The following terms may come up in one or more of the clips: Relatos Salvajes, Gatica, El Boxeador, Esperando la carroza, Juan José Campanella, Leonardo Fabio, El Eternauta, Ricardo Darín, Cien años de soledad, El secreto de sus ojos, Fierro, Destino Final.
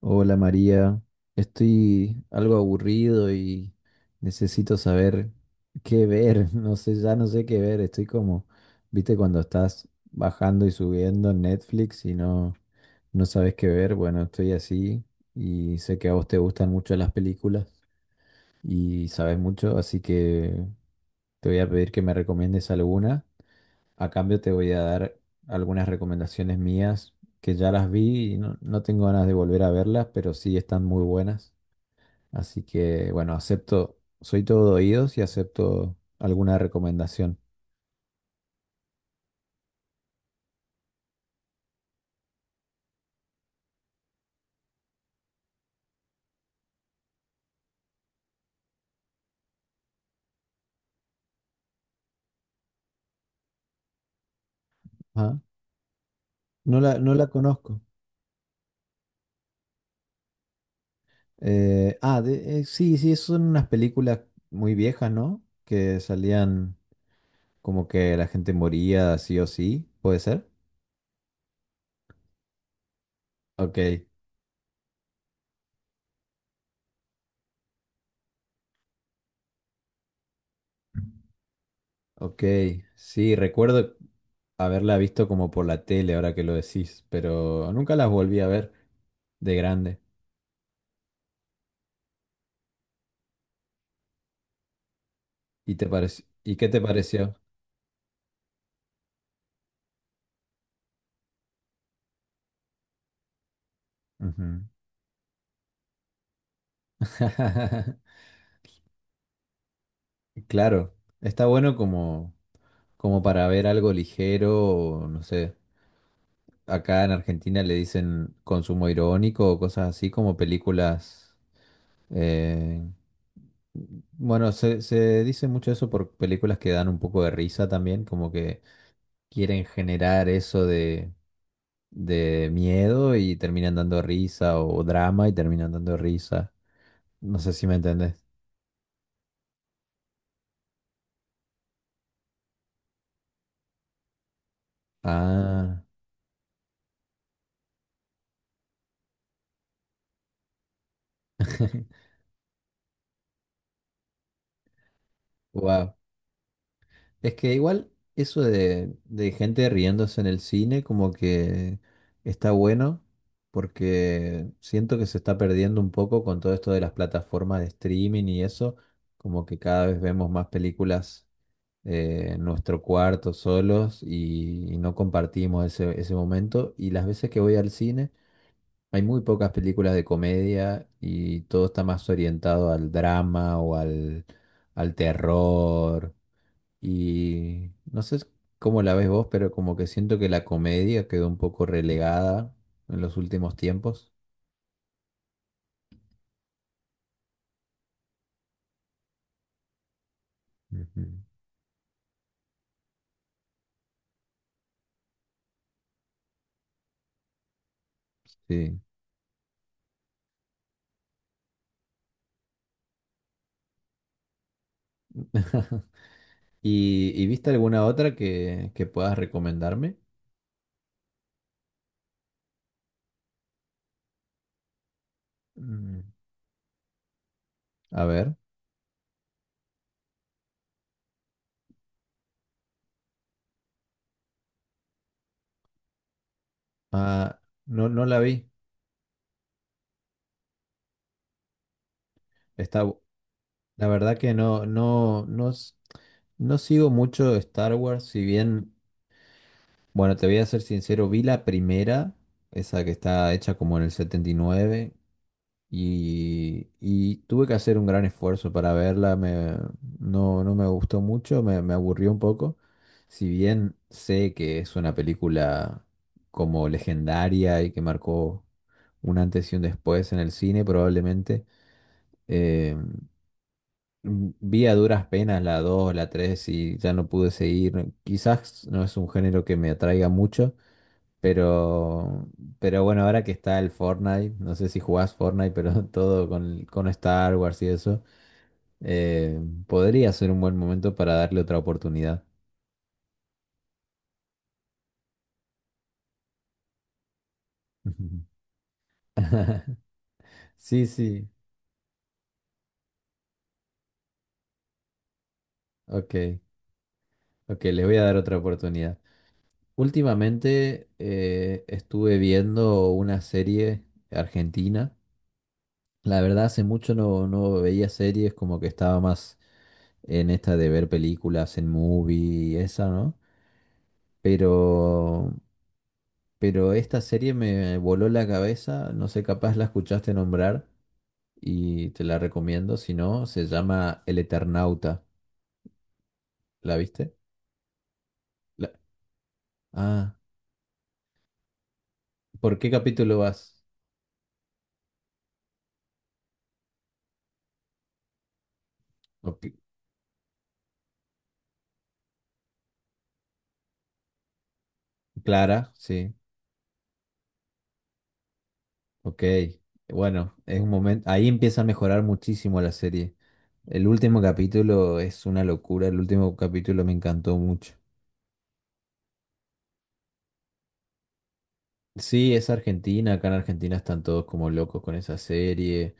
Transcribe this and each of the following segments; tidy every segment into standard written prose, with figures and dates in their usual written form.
Hola María, estoy algo aburrido y necesito saber qué ver, no sé, ya no sé qué ver, estoy como, viste, cuando estás bajando y subiendo en Netflix y no, no sabes qué ver, bueno, estoy así y sé que a vos te gustan mucho las películas y sabes mucho, así que te voy a pedir que me recomiendes alguna, a cambio te voy a dar algunas recomendaciones mías que ya las vi y no, no tengo ganas de volver a verlas, pero sí están muy buenas. Así que, bueno, acepto, soy todo oídos y acepto alguna recomendación. Ajá. No la conozco. Ah, sí, sí, son unas películas muy viejas, ¿no? Que salían como que la gente moría sí o sí, ¿puede ser? Ok, ok, sí, recuerdo haberla visto como por la tele ahora que lo decís, pero nunca las volví a ver de grande. ¿Y te pareció? ¿Y qué te pareció? Ujú. Claro, está bueno como, para ver algo ligero, o no sé, acá en Argentina le dicen consumo irónico o cosas así como películas, eh, bueno, se dice mucho eso por películas que dan un poco de risa también, como que quieren generar eso de, miedo y terminan dando risa o drama y terminan dando risa, no sé si me entendés. Ah, wow. Es que igual eso de gente riéndose en el cine como que está bueno porque siento que se está perdiendo un poco con todo esto de las plataformas de streaming y eso, como que cada vez vemos más películas en nuestro cuarto solos y no compartimos ese, momento. Y las veces que voy al cine hay muy pocas películas de comedia y todo está más orientado al drama o al terror y no sé cómo la ves vos, pero como que siento que la comedia quedó un poco relegada en los últimos tiempos. Ujú. Sí. ¿Y viste alguna otra que puedas recomendarme? Mm, a ver. Ah, no, no la vi. Está, bu- la verdad que no, no, no, no sigo mucho Star Wars, si bien, bueno, te voy a ser sincero, vi la primera, esa que está hecha como en el 79. Y tuve que hacer un gran esfuerzo para verla, no, no me gustó mucho, me aburrió un poco. Si bien sé que es una película como legendaria y que marcó un antes y un después en el cine, probablemente, eh, vi a duras penas la 2 la 3 y ya no pude seguir. Quizás no es un género que me atraiga mucho, pero, pero, bueno, ahora que está el Fortnite, no sé si jugás Fortnite, pero todo con Star Wars y eso, eh, podría ser un buen momento para darle otra oportunidad. Sí, sí, ok, ok, les voy a dar otra oportunidad. Últimamente estuve viendo una serie argentina. La verdad, hace mucho no, no veía series, como que estaba más en esta de ver películas en movie y esa, ¿no? Pero Pero esta serie me voló la cabeza, no sé, capaz la escuchaste nombrar y te la recomiendo, si no, se llama El Eternauta. ¿La viste? La- Ah, ¿por qué capítulo vas? Ok, Clara, sí, ok. Bueno, es un momento, ahí empieza a mejorar muchísimo la serie. El último capítulo es una locura, el último capítulo me encantó mucho. Sí, es Argentina, acá en Argentina están todos como locos con esa serie,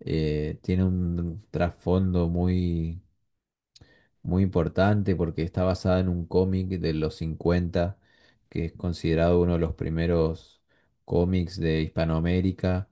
tiene un trasfondo muy muy importante porque está basada en un cómic de los 50 que es considerado uno de los primeros cómics de Hispanoamérica.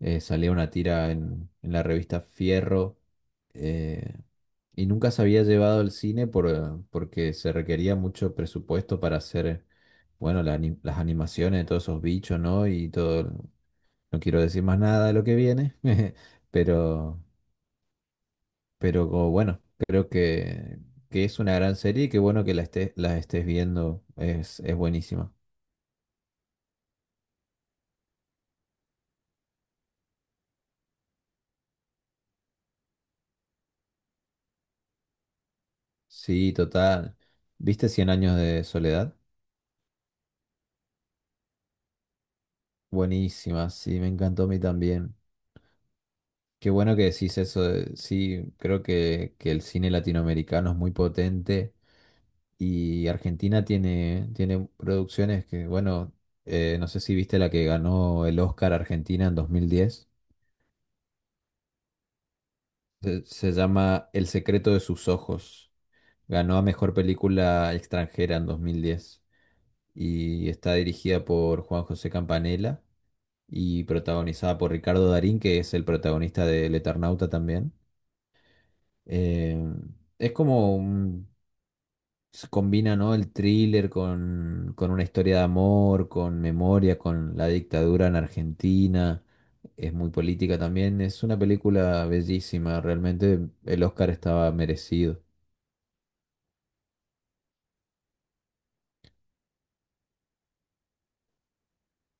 Salía una tira en, la revista Fierro, eh, y nunca se había llevado al cine por, porque se requería mucho presupuesto para hacer, bueno, la las animaciones de todos esos bichos, ¿no? Y todo, no quiero decir más nada de lo que viene, pero... Pero como bueno, creo que, es una gran serie y qué bueno que la estés viendo. Es buenísima. Sí, total. ¿Viste Cien años de soledad? Buenísima, sí, me encantó a mí también. Qué bueno que decís eso. Sí, creo que, el cine latinoamericano es muy potente y Argentina tiene producciones que, bueno, no sé si viste la que ganó el Oscar Argentina en 2010. Se llama El secreto de sus ojos. Ganó a Mejor Película Extranjera en 2010 y está dirigida por Juan José Campanella y protagonizada por Ricardo Darín, que es el protagonista de El Eternauta también. Eh, es como un- se combina, ¿no? El thriller con una historia de amor, con memoria, con la dictadura en Argentina. Es muy política también. Es una película bellísima, realmente el Oscar estaba merecido.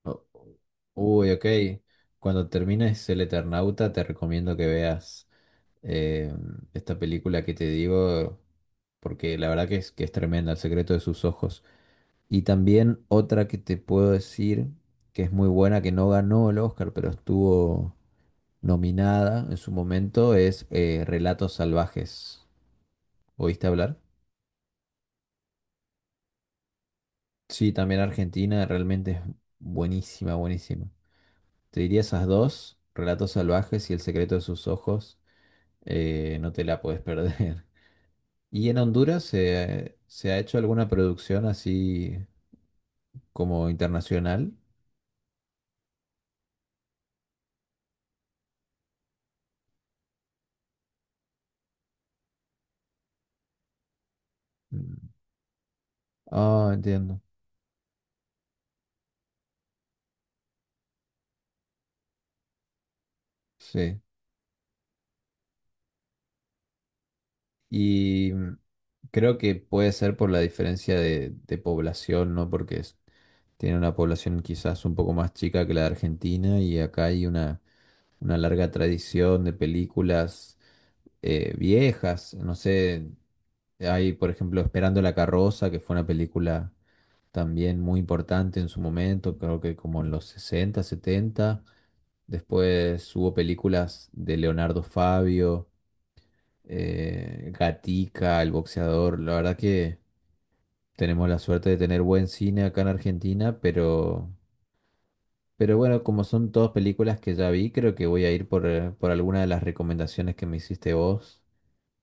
Oh, uy, ok. Cuando termines El Eternauta, te recomiendo que veas eh, esta película que te digo, porque la verdad que es tremenda, El secreto de sus ojos. Y también otra que te puedo decir que es muy buena, que no ganó el Oscar, pero estuvo nominada en su momento, es Relatos Salvajes. ¿Oíste hablar? Sí, también Argentina realmente es buenísima, buenísima. Te diría esas dos, Relatos Salvajes y El secreto de sus ojos. No te la puedes perder. ¿Y en Honduras se, ha hecho alguna producción así como internacional? Mm. Ah, entiendo. Sí. Y creo que puede ser por la diferencia de, población, ¿no? Porque tiene una población quizás un poco más chica que la de Argentina y acá hay una larga tradición de películas viejas. No sé, hay por ejemplo Esperando la carroza, que fue una película también muy importante en su momento, creo que como en los 60, 70. Después hubo películas de Leonardo Fabio, Gatica, El Boxeador. La verdad que tenemos la suerte de tener buen cine acá en Argentina, pero bueno, como son todas películas que ya vi, creo que voy a ir por, por alguna de las recomendaciones que me hiciste vos.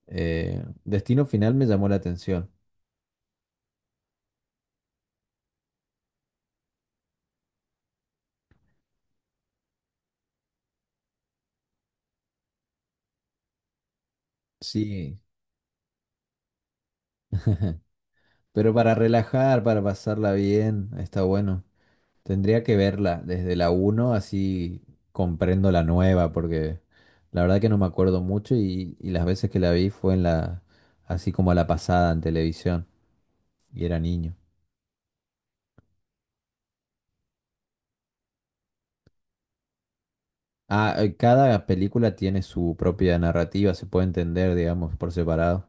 Destino Final me llamó la atención. Sí, pero para relajar, para pasarla bien, está bueno. Tendría que verla desde la uno así comprendo la nueva, porque la verdad que no me acuerdo mucho y las veces que la vi fue así como a la pasada en televisión y era niño. Ah, cada película tiene su propia narrativa, se puede entender, digamos, por separado.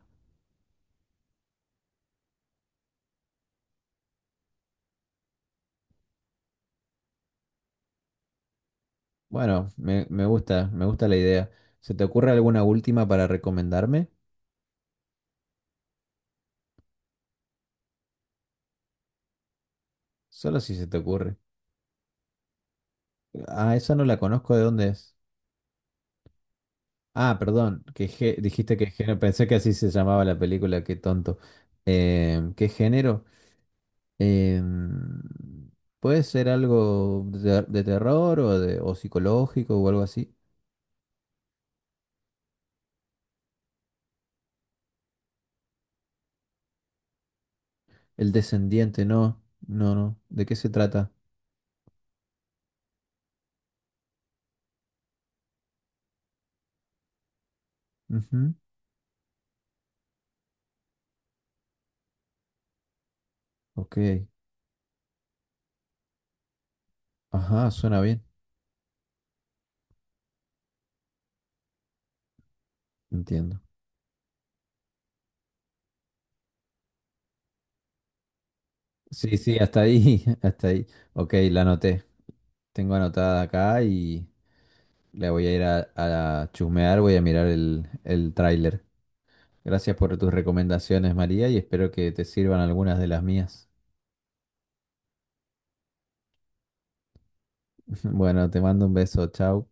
Bueno, me gusta, me gusta la idea. ¿Se te ocurre alguna última para recomendarme? Solo si se te ocurre. Ah, esa no la conozco, ¿de dónde es? Ah, perdón, dijiste que género, pensé que así se llamaba la película, qué tonto. ¿Qué género? Em, ¿Puede ser algo de, terror o psicológico o algo así? El descendiente, no, no, no. ¿De qué se trata? Ujú, ok, ajá, suena bien, entiendo. Sí, sí, hasta ahí, hasta ahí. Ok, la anoté. Tengo anotada acá y la voy a ir a, chusmear, voy a mirar el tráiler. Gracias por tus recomendaciones, María, y espero que te sirvan algunas de las mías. Bueno, te mando un beso, chao.